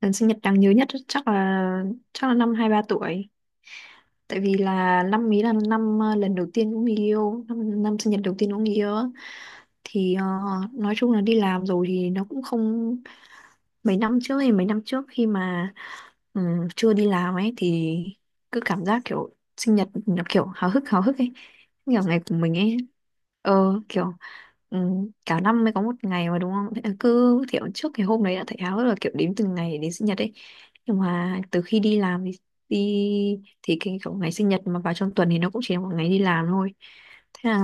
Lần sinh nhật đáng nhớ nhất chắc là năm 23 tuổi. Tại vì là năm ý là năm lần đầu tiên cũng người yêu, năm sinh nhật đầu tiên cũng người yêu á. Thì nói chung là đi làm rồi thì nó cũng không... Mấy năm trước khi mà ừ, chưa đi làm ấy, thì cứ cảm giác kiểu sinh nhật nó kiểu háo hức ấy, kiểu ngày của mình ấy, ờ kiểu ừ, cả năm mới có một ngày mà, đúng không? Thế là cứ kiểu trước cái hôm đấy đã thấy háo hức, là kiểu đếm từng ngày đến sinh nhật ấy. Nhưng mà từ khi đi làm thì đi thì cái kiểu ngày sinh nhật mà vào trong tuần thì nó cũng chỉ là một ngày đi làm thôi. Thế là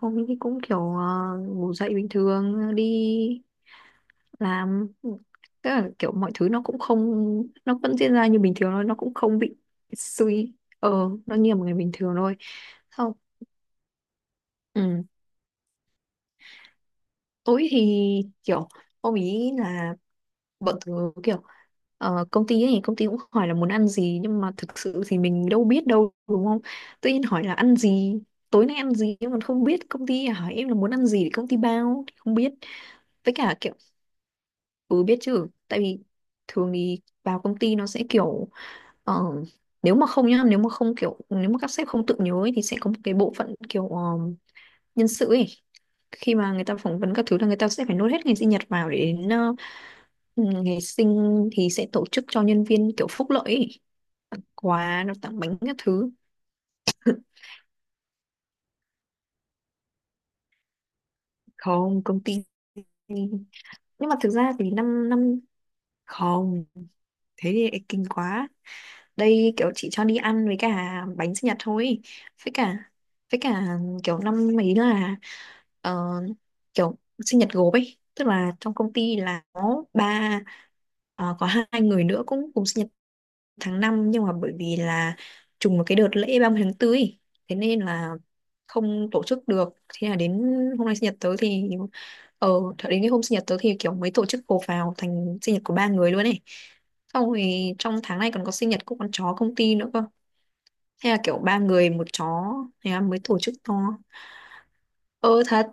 hôm ấy thì cũng kiểu ngủ dậy bình thường đi làm. Tức là kiểu mọi thứ nó cũng không, nó vẫn diễn ra như bình thường thôi, nó cũng không bị suy ờ nó như là một ngày bình thường thôi. Không. Tối thì kiểu ông ý là bọn tớ kiểu ờ, công ty ấy, công ty cũng hỏi là muốn ăn gì, nhưng mà thực sự thì mình đâu biết đâu, đúng không? Tự nhiên hỏi là ăn gì tối nay ăn gì, nhưng mà không biết, công ty hỏi em là muốn ăn gì thì công ty bao thì không biết. Với cả kiểu ừ, biết chứ, tại vì thường thì vào công ty nó sẽ kiểu ờ, nếu mà không nhá nếu mà không kiểu nếu mà các sếp không tự nhớ ấy, thì sẽ có một cái bộ phận kiểu nhân sự ấy. Khi mà người ta phỏng vấn các thứ là người ta sẽ phải nốt hết ngày sinh nhật vào, để đến ừ, ngày sinh thì sẽ tổ chức cho nhân viên, kiểu phúc lợi ấy. Quà nó, tặng bánh các thứ. Không, công ty nhưng mà thực ra thì năm năm không, thế thì lại kinh quá. Đây kiểu chị cho đi ăn với cả bánh sinh nhật thôi. Với cả với cả kiểu năm ấy là ờ, kiểu sinh nhật gộp ấy, tức là trong công ty là có ba, có hai người nữa cũng cùng sinh nhật tháng năm, nhưng mà bởi vì là trùng một cái đợt lễ 30 tháng 4 ý. Thế nên là không tổ chức được. Thế là đến hôm nay sinh nhật tớ thì ờ thật đến cái hôm sinh nhật tớ thì kiểu mới tổ chức cồ vào thành sinh nhật của ba người luôn này. Xong rồi trong tháng này còn có sinh nhật của con chó công ty nữa cơ. Thế là kiểu ba người một chó, thế là mới tổ chức to. Ờ thật,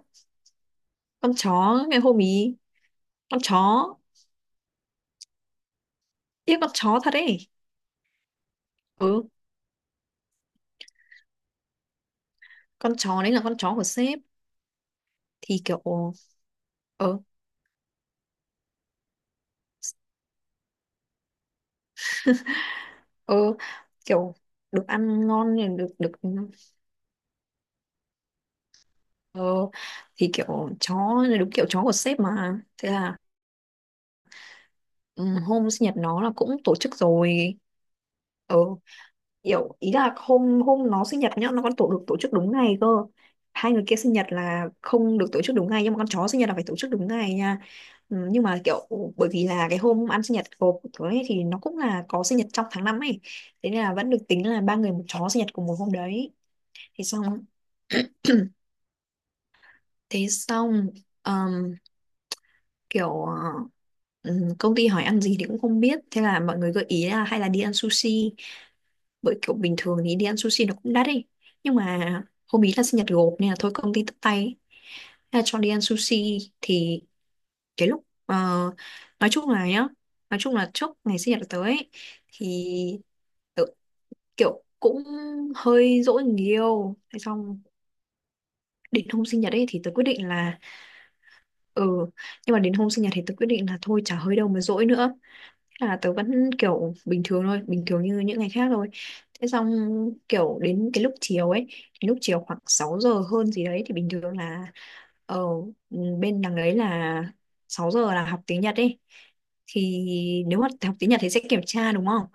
con chó ngày hôm ý, con chó, tiếc con chó thật ấy. Ừ, con chó đấy là con chó của sếp thì kiểu ờ ừ, kiểu được ăn ngon rồi, được được ừ. ờ, thì kiểu chó, đúng kiểu chó của sếp mà, thế là ừ, hôm sinh nhật nó là cũng tổ chức rồi. Ừ, kiểu ý là hôm hôm nó sinh nhật nhá, nó còn tổ chức đúng ngày cơ. Hai người kia sinh nhật là không được tổ chức đúng ngày, nhưng mà con chó sinh nhật là phải tổ chức đúng ngày nha. Ừ, nhưng mà kiểu bởi vì là cái hôm ăn sinh nhật của ấy, thì nó cũng là có sinh nhật trong tháng năm ấy, thế nên là vẫn được tính là ba người một chó sinh nhật cùng một hôm đấy. Thế xong thế xong ờm, kiểu ờ, công ty hỏi ăn gì thì cũng không biết, thế là mọi người gợi ý là hay là đi ăn sushi. Bởi kiểu bình thường thì đi ăn sushi nó cũng đắt đi, nhưng mà hôm ý là sinh nhật gộp nên là thôi công ty tất tay ấy. Thế là cho đi ăn sushi. Thì cái lúc nói chung là nhá, nói chung là trước ngày sinh nhật tới ấy, thì tớ kiểu cũng hơi dỗi người yêu. Thế xong đến hôm sinh nhật ấy thì tớ quyết định là ừ, nhưng mà đến hôm sinh nhật thì tớ quyết định là thôi chả hơi đâu mà dỗi nữa. Thế là tớ vẫn kiểu bình thường thôi, bình thường như những ngày khác thôi. Thế xong kiểu đến cái lúc chiều ấy, cái lúc chiều khoảng 6 giờ hơn gì đấy, thì bình thường là ở bên đằng đấy là 6 giờ là học tiếng Nhật ấy. Thì nếu mà học tiếng Nhật thì sẽ kiểm tra, đúng không?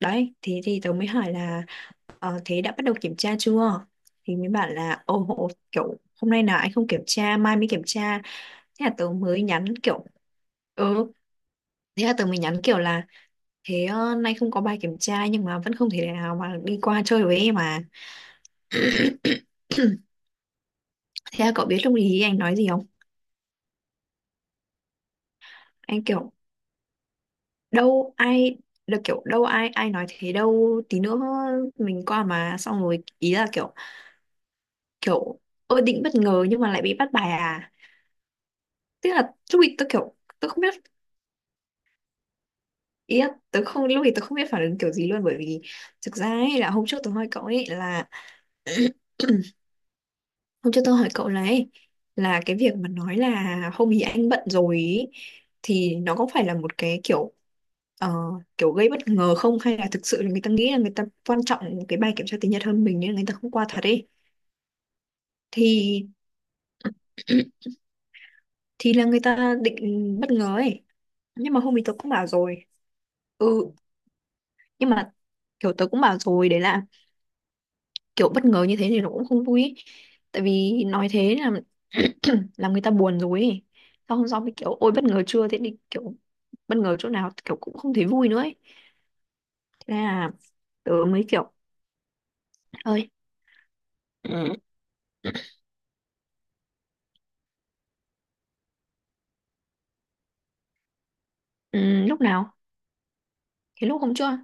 Đấy, thì tớ mới hỏi là thế đã bắt đầu kiểm tra chưa? Thì mới bảo là ồ, ồ, kiểu hôm nay là anh không kiểm tra, mai mới kiểm tra. Thế là tớ mới nhắn kiểu ừ, thế là tớ mới nhắn kiểu là thế nay không có bài kiểm tra nhưng mà vẫn không thể nào mà đi qua chơi với em mà. Thế là cậu biết lúc ý anh nói gì không? Anh kiểu đâu ai được, kiểu đâu ai ai nói thế đâu, tí nữa mình qua mà, xong rồi ý là kiểu, kiểu ơ định bất ngờ nhưng mà lại bị bắt bài à. Tức là lúc ý tôi kiểu tôi không biết, ý là tôi không lúc ý tôi không biết phản ứng kiểu gì luôn, bởi vì thực ra ấy là hôm trước tôi hỏi cậu ấy là hôm trước tôi hỏi cậu này, là cái việc mà nói là hôm ý anh bận rồi ý, thì nó có phải là một cái kiểu ờ, kiểu gây bất ngờ không, hay là thực sự là người ta nghĩ là người ta quan trọng cái bài kiểm tra tiếng Nhật hơn mình nên người ta không qua thật ấy. Thì thì là người ta định bất ngờ ấy, nhưng mà hôm ý tớ cũng bảo rồi. Ừ, nhưng mà kiểu tớ cũng bảo rồi đấy, là kiểu bất ngờ như thế thì nó cũng không vui ý. Tại vì nói thế là làm người ta buồn rồi ý. Sau hôm sau mới kiểu ôi bất ngờ chưa, thế thì kiểu bất ngờ chỗ nào, kiểu cũng không thấy vui nữa ấy. Thế là tớ mới kiểu ơi ừ, ừ, lúc nào, thế lúc hôm chưa.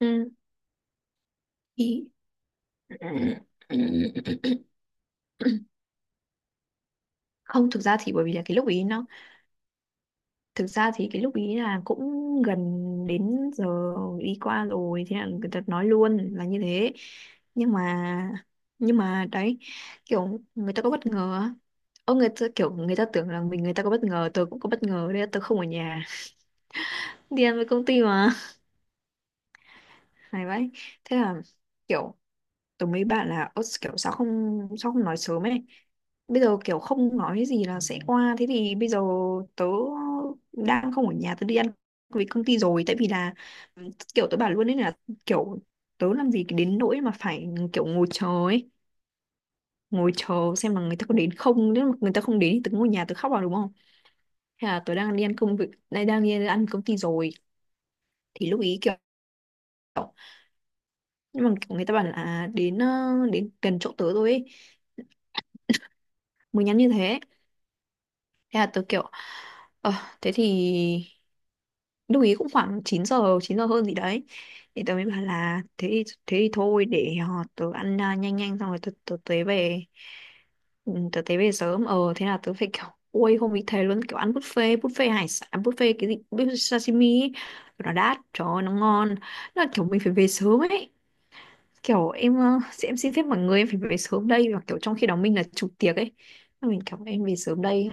Ừ, thì không, thực ra thì bởi vì là cái lúc ý nó... Thực ra thì cái lúc ý là cũng gần đến giờ đi qua rồi, thế là người ta nói luôn là như thế. Nhưng mà đấy, kiểu người ta có bất ngờ á. Ô người ta kiểu người ta tưởng là mình, người ta có bất ngờ, tớ cũng có bất ngờ đấy, tớ không ở nhà, đi ăn với công ty mà. Này vậy thế là kiểu tớ mấy bạn là "Ơ, kiểu sao không nói sớm ấy, bây giờ kiểu không nói gì là sẽ qua, thế thì bây giờ tớ đang không ở nhà, tớ đi ăn với công ty rồi." Tại vì là kiểu tớ bảo luôn ấy, là kiểu tớ làm gì đến nỗi mà phải kiểu ngồi chờ ấy, ngồi chờ xem là người ta có đến không, nếu mà người ta không đến thì tớ ngồi nhà tớ khóc vào, đúng không? Hay là tớ đang đi ăn công việc, đang đang đi ăn công ty rồi. Thì lúc ý kiểu nhưng mà kiểu người ta bảo là à, đến đến gần chỗ tớ rồi ấy, mới nhắn như thế. Thế là tớ kiểu ờ thế thì lúc ý cũng khoảng 9 giờ hơn gì đấy, thì tớ mới bảo là thế thì thôi để họ tớ ăn à, nhanh nhanh xong rồi tớ tới về. Ừ, tớ tới về sớm. Ờ Thế là tớ phải kiểu ôi không bị thế luôn, kiểu ăn buffet, buffet hải sản, buffet cái gì, buffet sashimi ấy. Nó đắt trời ơi, nó ngon. Nó là kiểu mình phải về sớm ấy, kiểu em sẽ- em xin phép mọi người em phải về sớm đây, và kiểu trong khi đó mình là chủ tiệc ấy, mình kiểu em về sớm đây.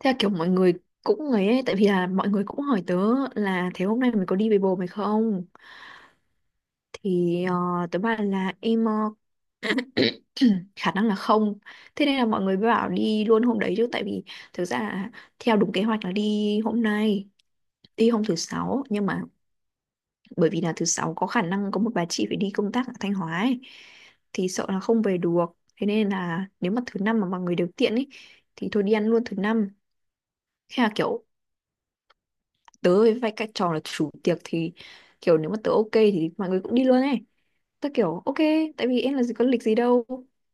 Theo kiểu mọi người cũng ấy, ấy, tại vì là mọi người cũng hỏi tớ là thế hôm nay mình có đi với bồ mày không? Thì tớ bảo là em khả năng là không. Thế nên là mọi người mới bảo đi luôn hôm đấy chứ tại vì thực ra là theo đúng kế hoạch là đi hôm nay, đi hôm thứ sáu, nhưng mà bởi vì là thứ sáu có khả năng có một bà chị phải đi công tác ở Thanh Hóa ấy, thì sợ là không về được. Thế nên là nếu mà thứ năm mà mọi người đều tiện ấy thì thôi đi ăn luôn thứ năm. Thế là kiểu tớ với vai các trò là chủ tiệc thì kiểu nếu mà tớ ok thì mọi người cũng đi luôn ấy, tớ kiểu ok tại vì em là gì có lịch gì đâu.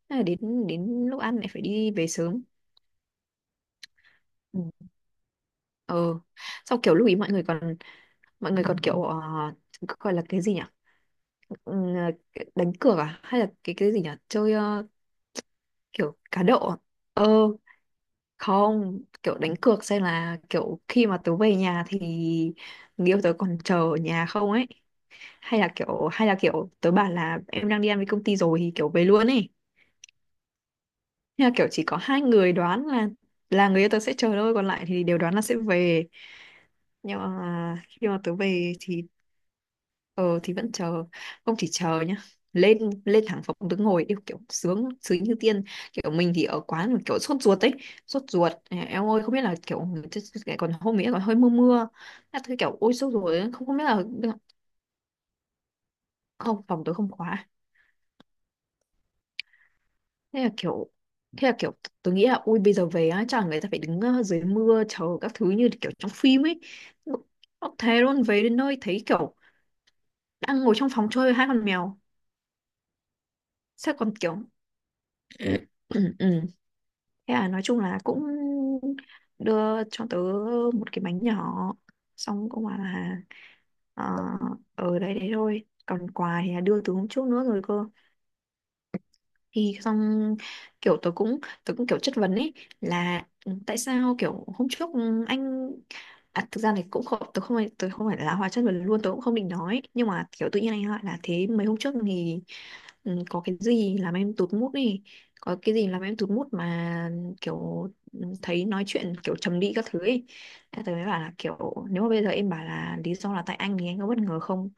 Thế là đến đến lúc ăn lại phải đi về sớm. Ừ. ờ Sau kiểu lúc ý mọi người còn kiểu gọi là cái gì nhỉ, Ừm, đánh cược à hay là cái gì nhỉ, chơi kiểu cá độ à? ờ Không, kiểu đánh cược xem là kiểu khi mà tớ về nhà thì người yêu tớ còn chờ ở nhà không ấy, hay là kiểu tớ bảo là em đang đi ăn với công ty rồi thì kiểu về luôn ấy. Thế là kiểu chỉ có hai người đoán là người yêu tớ sẽ chờ thôi, còn lại thì đều đoán là sẽ về. Nhưng mà khi mà tớ về thì ờ thì vẫn chờ, không chỉ chờ nhá, lên lên thẳng phòng đứng ngồi yêu kiểu sướng sướng như tiên, kiểu mình thì ở quán mà kiểu sốt ruột ấy, sốt ruột. Ờ, em ơi, không biết là kiểu còn hôm ấy còn hơi mưa mưa. Thế thôi kiểu ôi sốt ruột ấy, không không biết là không, phòng tôi không khóa. Thế là kiểu thế là kiểu tôi nghĩ là ui bây giờ về á chẳng người ta phải đứng dưới mưa chờ các thứ như kiểu trong phim ấy. Nó thế luôn, về đến nơi thấy kiểu đang ngồi trong phòng chơi với hai con mèo. Sao còn kiểu ừ, ừ. Thế là nói chung là cũng đưa cho tớ một cái bánh nhỏ, xong cũng bảo là ờ ở đấy đấy thôi, còn quà thì là đưa từ hôm trước nữa rồi cơ. Thì xong kiểu tớ cũng kiểu chất vấn ấy, là ừ, tại sao kiểu hôm trước ừ, anh à, thực ra này cũng không, tớ không phải là hóa chất vấn luôn, tớ cũng không định nói, nhưng mà kiểu tự nhiên anh hỏi là thế mấy hôm trước thì ừ, có cái gì làm em tụt mood đi, có cái gì làm em tụt mood mà kiểu ừ, thấy nói chuyện kiểu trầm đi các thứ ấy. Thế tớ mới bảo là kiểu nếu mà bây giờ em bảo là lý do là tại anh thì anh có bất ngờ không,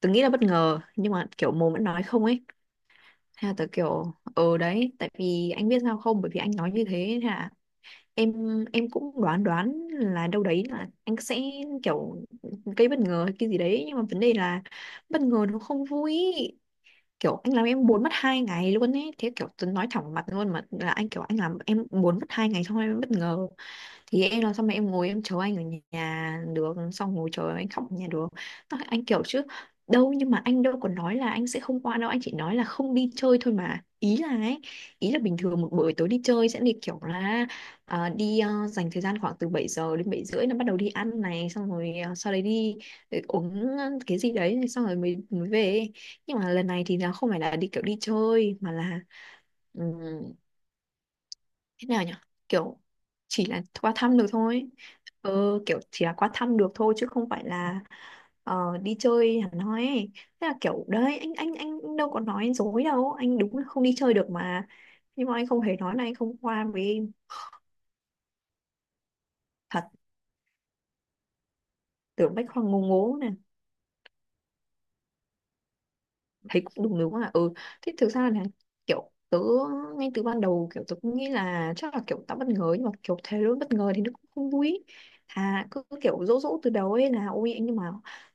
tớ nghĩ là bất ngờ nhưng mà kiểu mồm vẫn nói không ấy. Thế là tớ kiểu ờ đấy, tại vì anh biết sao không, bởi vì anh nói như thế hả, em em cũng đoán đoán là đâu đấy là anh sẽ kiểu gây bất ngờ hay cái gì đấy, nhưng mà vấn đề là bất ngờ nó không vui, kiểu anh làm em buồn mất 2 ngày luôn ấy. Thế kiểu tớ nói thẳng mặt luôn mà là anh kiểu anh làm em buồn mất hai ngày xong em bất ngờ thì em làm sao mà em ngồi em chờ anh ở nhà được, xong ngồi chờ anh khóc ở nhà được. Nó- anh kiểu chứ đâu, nhưng mà anh đâu có nói là anh sẽ không qua đâu, anh chỉ nói là không đi chơi thôi mà, ý là ấy, ý là bình thường một buổi tối đi chơi sẽ đi kiểu là đi dành thời gian khoảng từ 7 giờ đến 7 rưỡi là bắt đầu đi ăn này, xong rồi sau đấy đi uống cái gì đấy xong rồi mới mới về. Nhưng mà lần này thì nó không phải là đi kiểu đi chơi mà là thế nào nhỉ, kiểu chỉ là qua thăm được thôi, ừ, kiểu chỉ là qua thăm được thôi chứ không phải là đi chơi hẳn hoi ấy. Thế là kiểu đấy anh đâu có nói dối đâu, anh đúng là không đi chơi được mà, nhưng mà anh không hề nói là anh không qua với em. Thật, tưởng Bách Khoa ngố ngố, thấy cũng đúng đúng à, ừ. Thế thực ra là kiểu tớ ngay từ ban đầu kiểu tớ cũng nghĩ là chắc là kiểu tao bất ngờ ấy, nhưng mà kiểu thế luôn bất ngờ thì nó cũng không vui ý. À cứ cứ kiểu dỗ dỗ từ đầu ấy là ôi anh, nhưng mà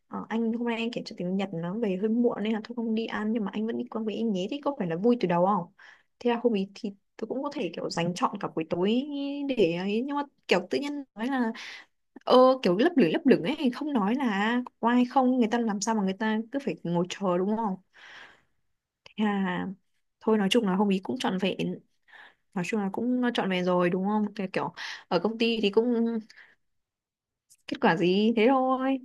anh hôm nay anh kiểm tra tiếng Nhật nó về hơi muộn nên là thôi không đi ăn, nhưng mà anh vẫn đi qua với anh nhé, thì có phải là vui từ đầu không. Thế là hôm ý thì tớ cũng có thể kiểu dành trọn cả buổi tối để ấy, nhưng mà kiểu tự nhiên nói là ờ kiểu lấp lửng ấy, không nói là có ai không, người ta làm sao mà người ta cứ phải ngồi chờ đúng không. À, thôi nói chung là hôm ý cũng trọn vẹn, nói chung là cũng trọn vẹn rồi đúng không, cái kiểu ở công ty thì cũng kết quả gì thế thôi.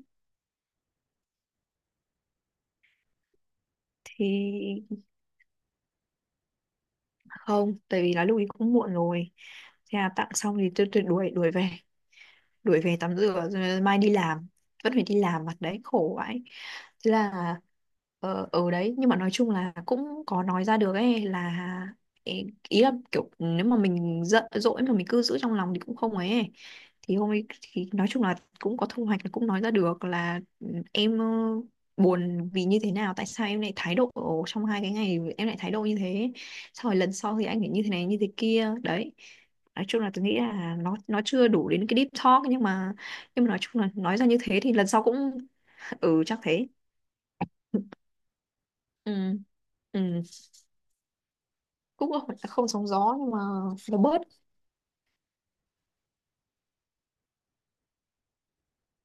Thì không, tại vì là lúc ý cũng muộn rồi, thế là tặng xong thì tôi đuổi đuổi về, đuổi về tắm rửa rồi mai đi làm, vẫn phải đi làm mặt đấy khổ vậy. Thế là ở đấy, nhưng mà nói chung là cũng có nói ra được ấy, là ý ý là kiểu nếu mà mình giận dỗi mà mình cứ giữ trong lòng thì cũng không ấy ấy. Thì hôm ấy thì nói chung là cũng có thu hoạch, cũng nói ra được là ừ, em buồn vì như thế nào, tại sao em lại thái độ trong 2 cái ngày em lại thái độ như thế, sau rồi lần sau thì anh phải như thế này như thế kia đấy. Nói chung là tôi nghĩ là nó chưa đủ đến cái deep talk, nhưng mà nói chung là nói ra như thế thì lần sau cũng ừ chắc thế. Ừ. Ừ, cũng không không sóng gió nhưng mà nó bớt,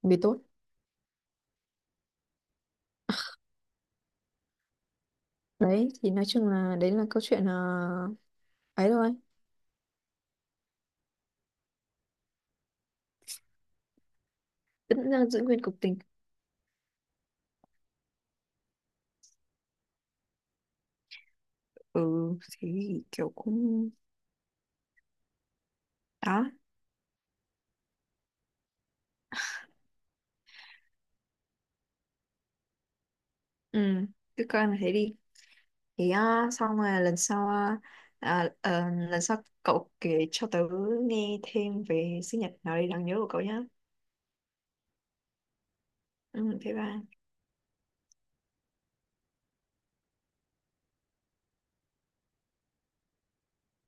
vì tốt. Đấy thì nói chung là đấy là câu chuyện. uh, Ấy thôi, vẫn là giữ nguyên cục tình. Ừ, thế thì kiểu cũng đó. Ừ, cứ coi là thế đi. Thì à, xong rồi lần sau à, à, ờ, lần sau cậu kể cho tớ nghe thêm về sinh nhật nào đấy đáng nhớ của cậu nhá. Ừ thế ba.